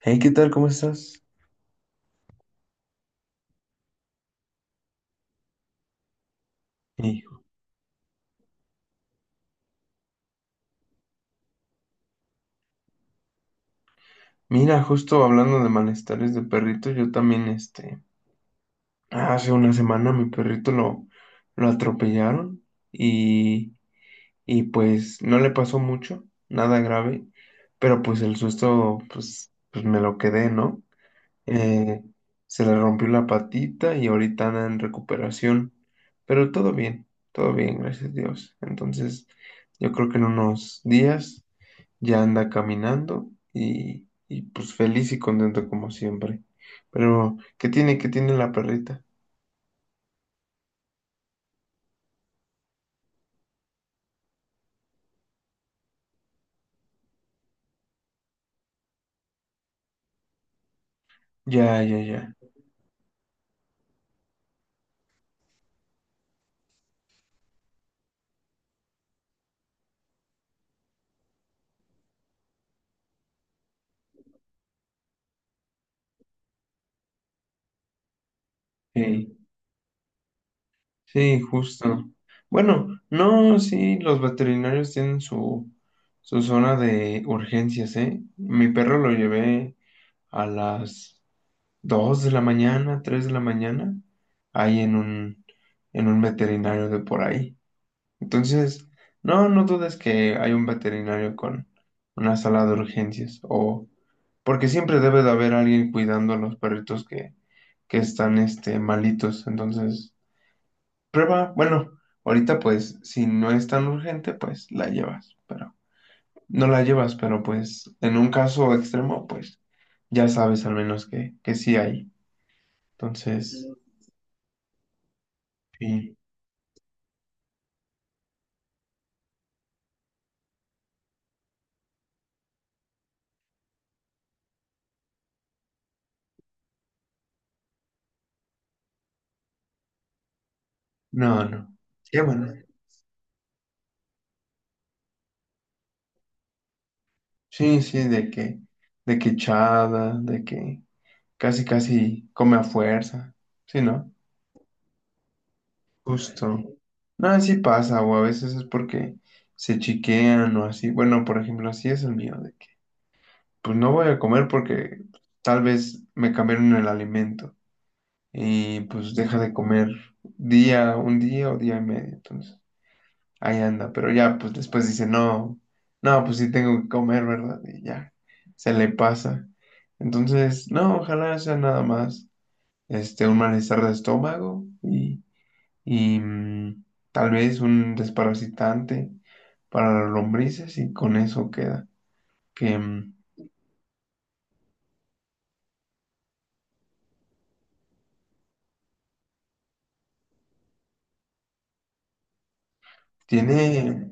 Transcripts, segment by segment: Hey, ¿qué tal? ¿Cómo estás? Hijo. Mira, justo hablando de malestares de perrito, yo también, hace una semana mi perrito lo atropellaron y, y pues no le pasó mucho, nada grave, pero pues el susto, pues, pues me lo quedé, ¿no? Eh, Se le rompió la patita y ahorita anda en recuperación, pero todo bien, gracias a Dios. Entonces, yo creo que en unos días ya anda caminando y pues feliz y contento como siempre. Pero, ¿qué tiene? ¿Qué tiene la perrita? Ya, ya, ya. Sí, sí, justo. Bueno, no, sí, los veterinarios tienen su zona de urgencias, ¿eh? Mi perro lo llevé a las 2 de la mañana, 3 de la mañana, ahí en un veterinario de por ahí. Entonces, no, no dudes que hay un veterinario con una sala de urgencias o porque siempre debe de haber alguien cuidando a los perritos que están malitos. Entonces, prueba, bueno, ahorita pues si no es tan urgente, pues la llevas, pero no la llevas, pero pues en un caso extremo, pues ya sabes al menos que sí hay. Entonces, sí, no, no. Qué bueno. Sí, sí, de que echada, de que casi, casi come a fuerza. Sí, ¿no? Justo. No, sí pasa, o a veces es porque se chiquean o así. Bueno, por ejemplo, así es el mío, de que pues no voy a comer porque tal vez me cambiaron el alimento y pues deja de comer día, un día o día y medio. Entonces, ahí anda, pero ya pues después dice, no, no, pues sí tengo que comer, ¿verdad? Y ya, se le pasa. Entonces, no, ojalá sea nada más un malestar de estómago y tal vez un desparasitante para las lombrices y con eso queda. Que mm, tiene,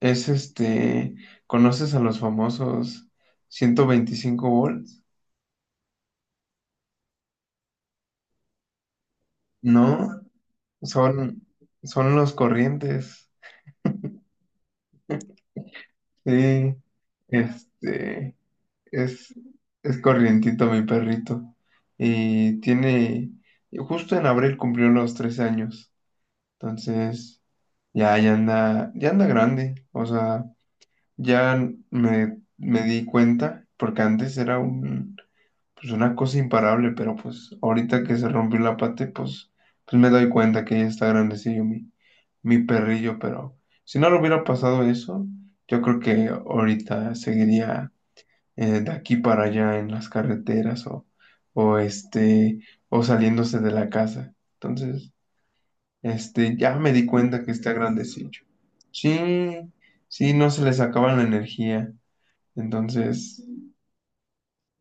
es ¿conoces a los famosos 125 volts? No, son, son los corrientes. Sí, este, es, es corrientito mi perrito. Y tiene, justo en abril cumplió los 13 años. Entonces, ya, ya anda grande. O sea, ya me di cuenta, porque antes era un, pues una cosa imparable, pero pues ahorita que se rompió la pata, pues, pues me doy cuenta que ya está grandecillo mi perrillo, pero si no le hubiera pasado eso, yo creo que ahorita seguiría de aquí para allá en las carreteras o o saliéndose de la casa. Entonces. Ya me di cuenta que está grandecillo. Sí, sí, no se les acaba la energía. Entonces,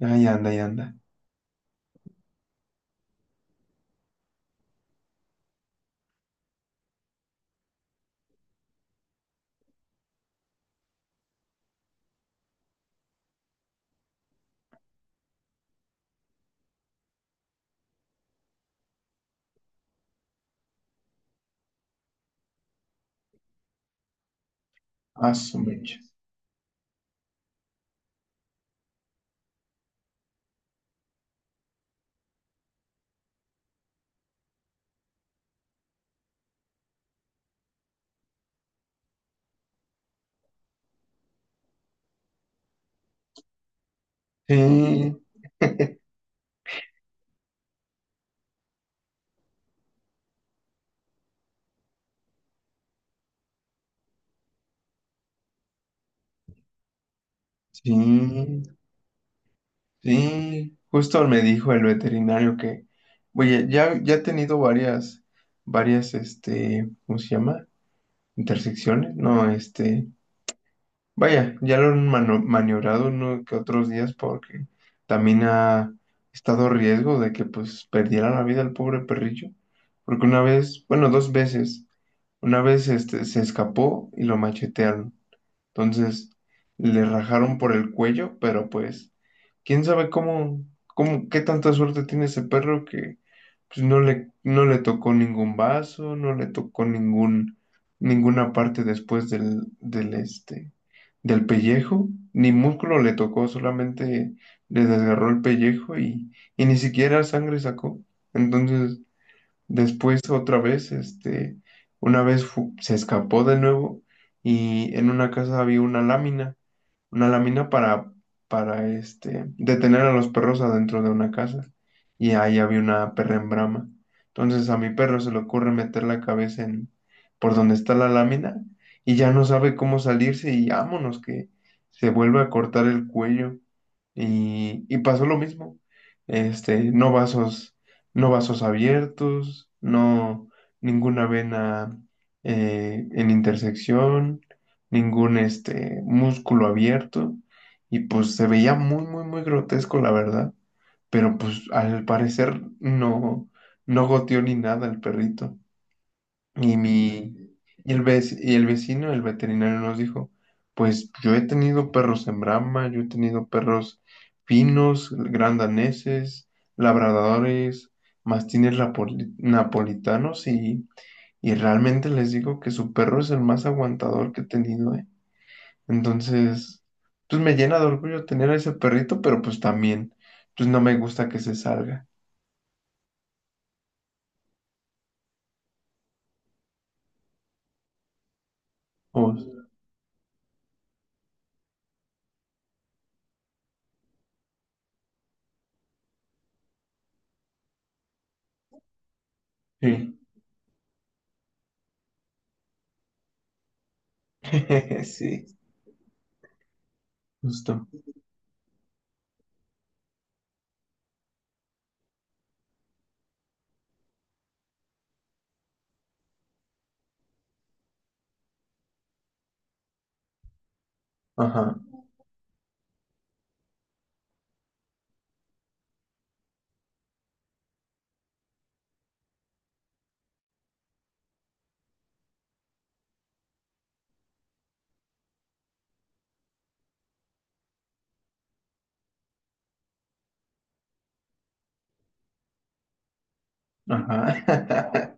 ahí anda, ahí anda. A su mecha. Sí, sí, sí. Justo me dijo el veterinario que, oye, ya, varias, ¿cómo se llama? Intersecciones, no, vaya, ya lo han maniobrado uno que otros días porque también ha estado riesgo de que pues perdiera la vida el pobre perrillo. Porque una vez, bueno, dos veces, una vez se escapó y lo machetearon. Entonces le rajaron por el cuello, pero pues quién sabe cómo, qué tanta suerte tiene ese perro que pues no no le tocó ningún vaso, no le tocó ninguna parte después del del pellejo, ni músculo le tocó, solamente le desgarró el pellejo y ni siquiera sangre sacó. Entonces, después otra vez, una vez se escapó de nuevo y en una casa había una lámina para detener a los perros adentro de una casa. Y ahí había una perra en brama. Entonces a mi perro se le ocurre meter la cabeza en por donde está la lámina y ya no sabe cómo salirse y vámonos que se vuelve a cortar el cuello. Y pasó lo mismo. No vasos, no vasos abiertos, no ninguna vena en intersección ningún músculo abierto y pues se veía muy grotesco la verdad, pero pues al parecer no no goteó ni nada el perrito. Y mi y el vecino, el veterinario nos dijo, pues yo he tenido perros en brama yo he tenido perros finos, grandaneses, labradores, mastines napolitanos y realmente les digo que su perro es el más aguantador que he tenido, ¿eh? Entonces, pues me llena de orgullo tener a ese perrito, pero pues también, pues no me gusta que se salga. Oh, sí, sí, justo. Ajá, ajá.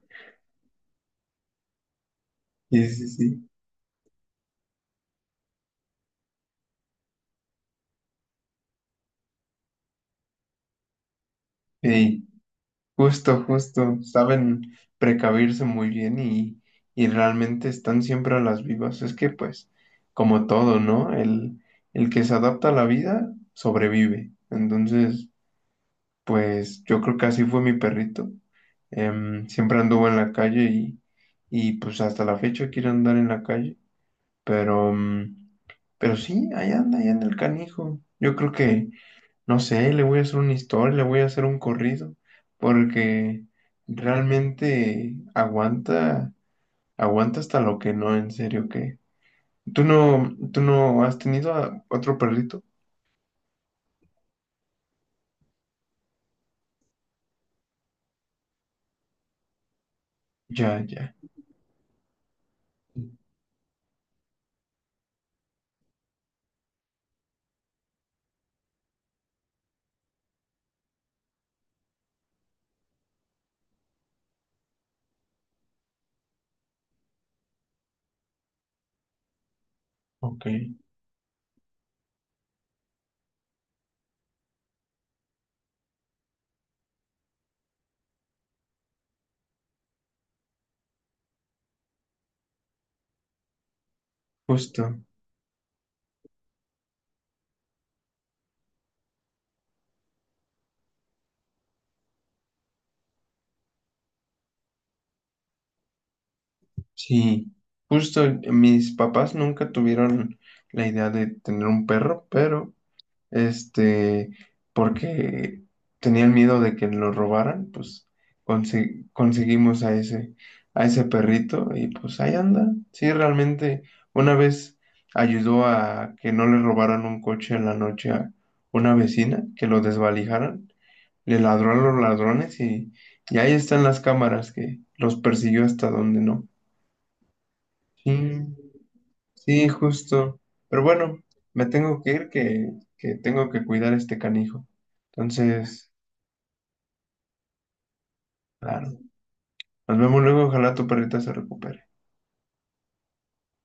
Sí, sí, sí. Sí, justo, justo. Saben precavirse muy bien y realmente están siempre a las vivas. Es que pues, como todo, ¿no? El que se adapta a la vida sobrevive. Entonces... Pues yo creo que así fue mi perrito. Siempre anduvo en la calle y pues hasta la fecha quiere andar en la calle. Pero, mm, pero sí, ahí anda el canijo. Yo creo que, no sé, le voy a hacer una historia, le voy a hacer un corrido, porque realmente aguanta, aguanta hasta lo que no, en serio que. ¿Tú no has tenido a otro perrito? Ya, ya. Ok, justo. Sí, justo mis papás nunca tuvieron la idea de tener un perro, pero este, porque tenían miedo de que lo robaran, pues conseguimos a a ese perrito y pues ahí anda. Sí, realmente una vez ayudó a que no le robaran un coche en la noche a una vecina, que lo desvalijaran, le ladró a los ladrones y ahí están las cámaras que los persiguió hasta donde no. Sí. Sí, justo. Pero bueno, me tengo que que tengo que cuidar a este canijo. Entonces, claro. Nos vemos luego, ojalá tu perrita se recupere.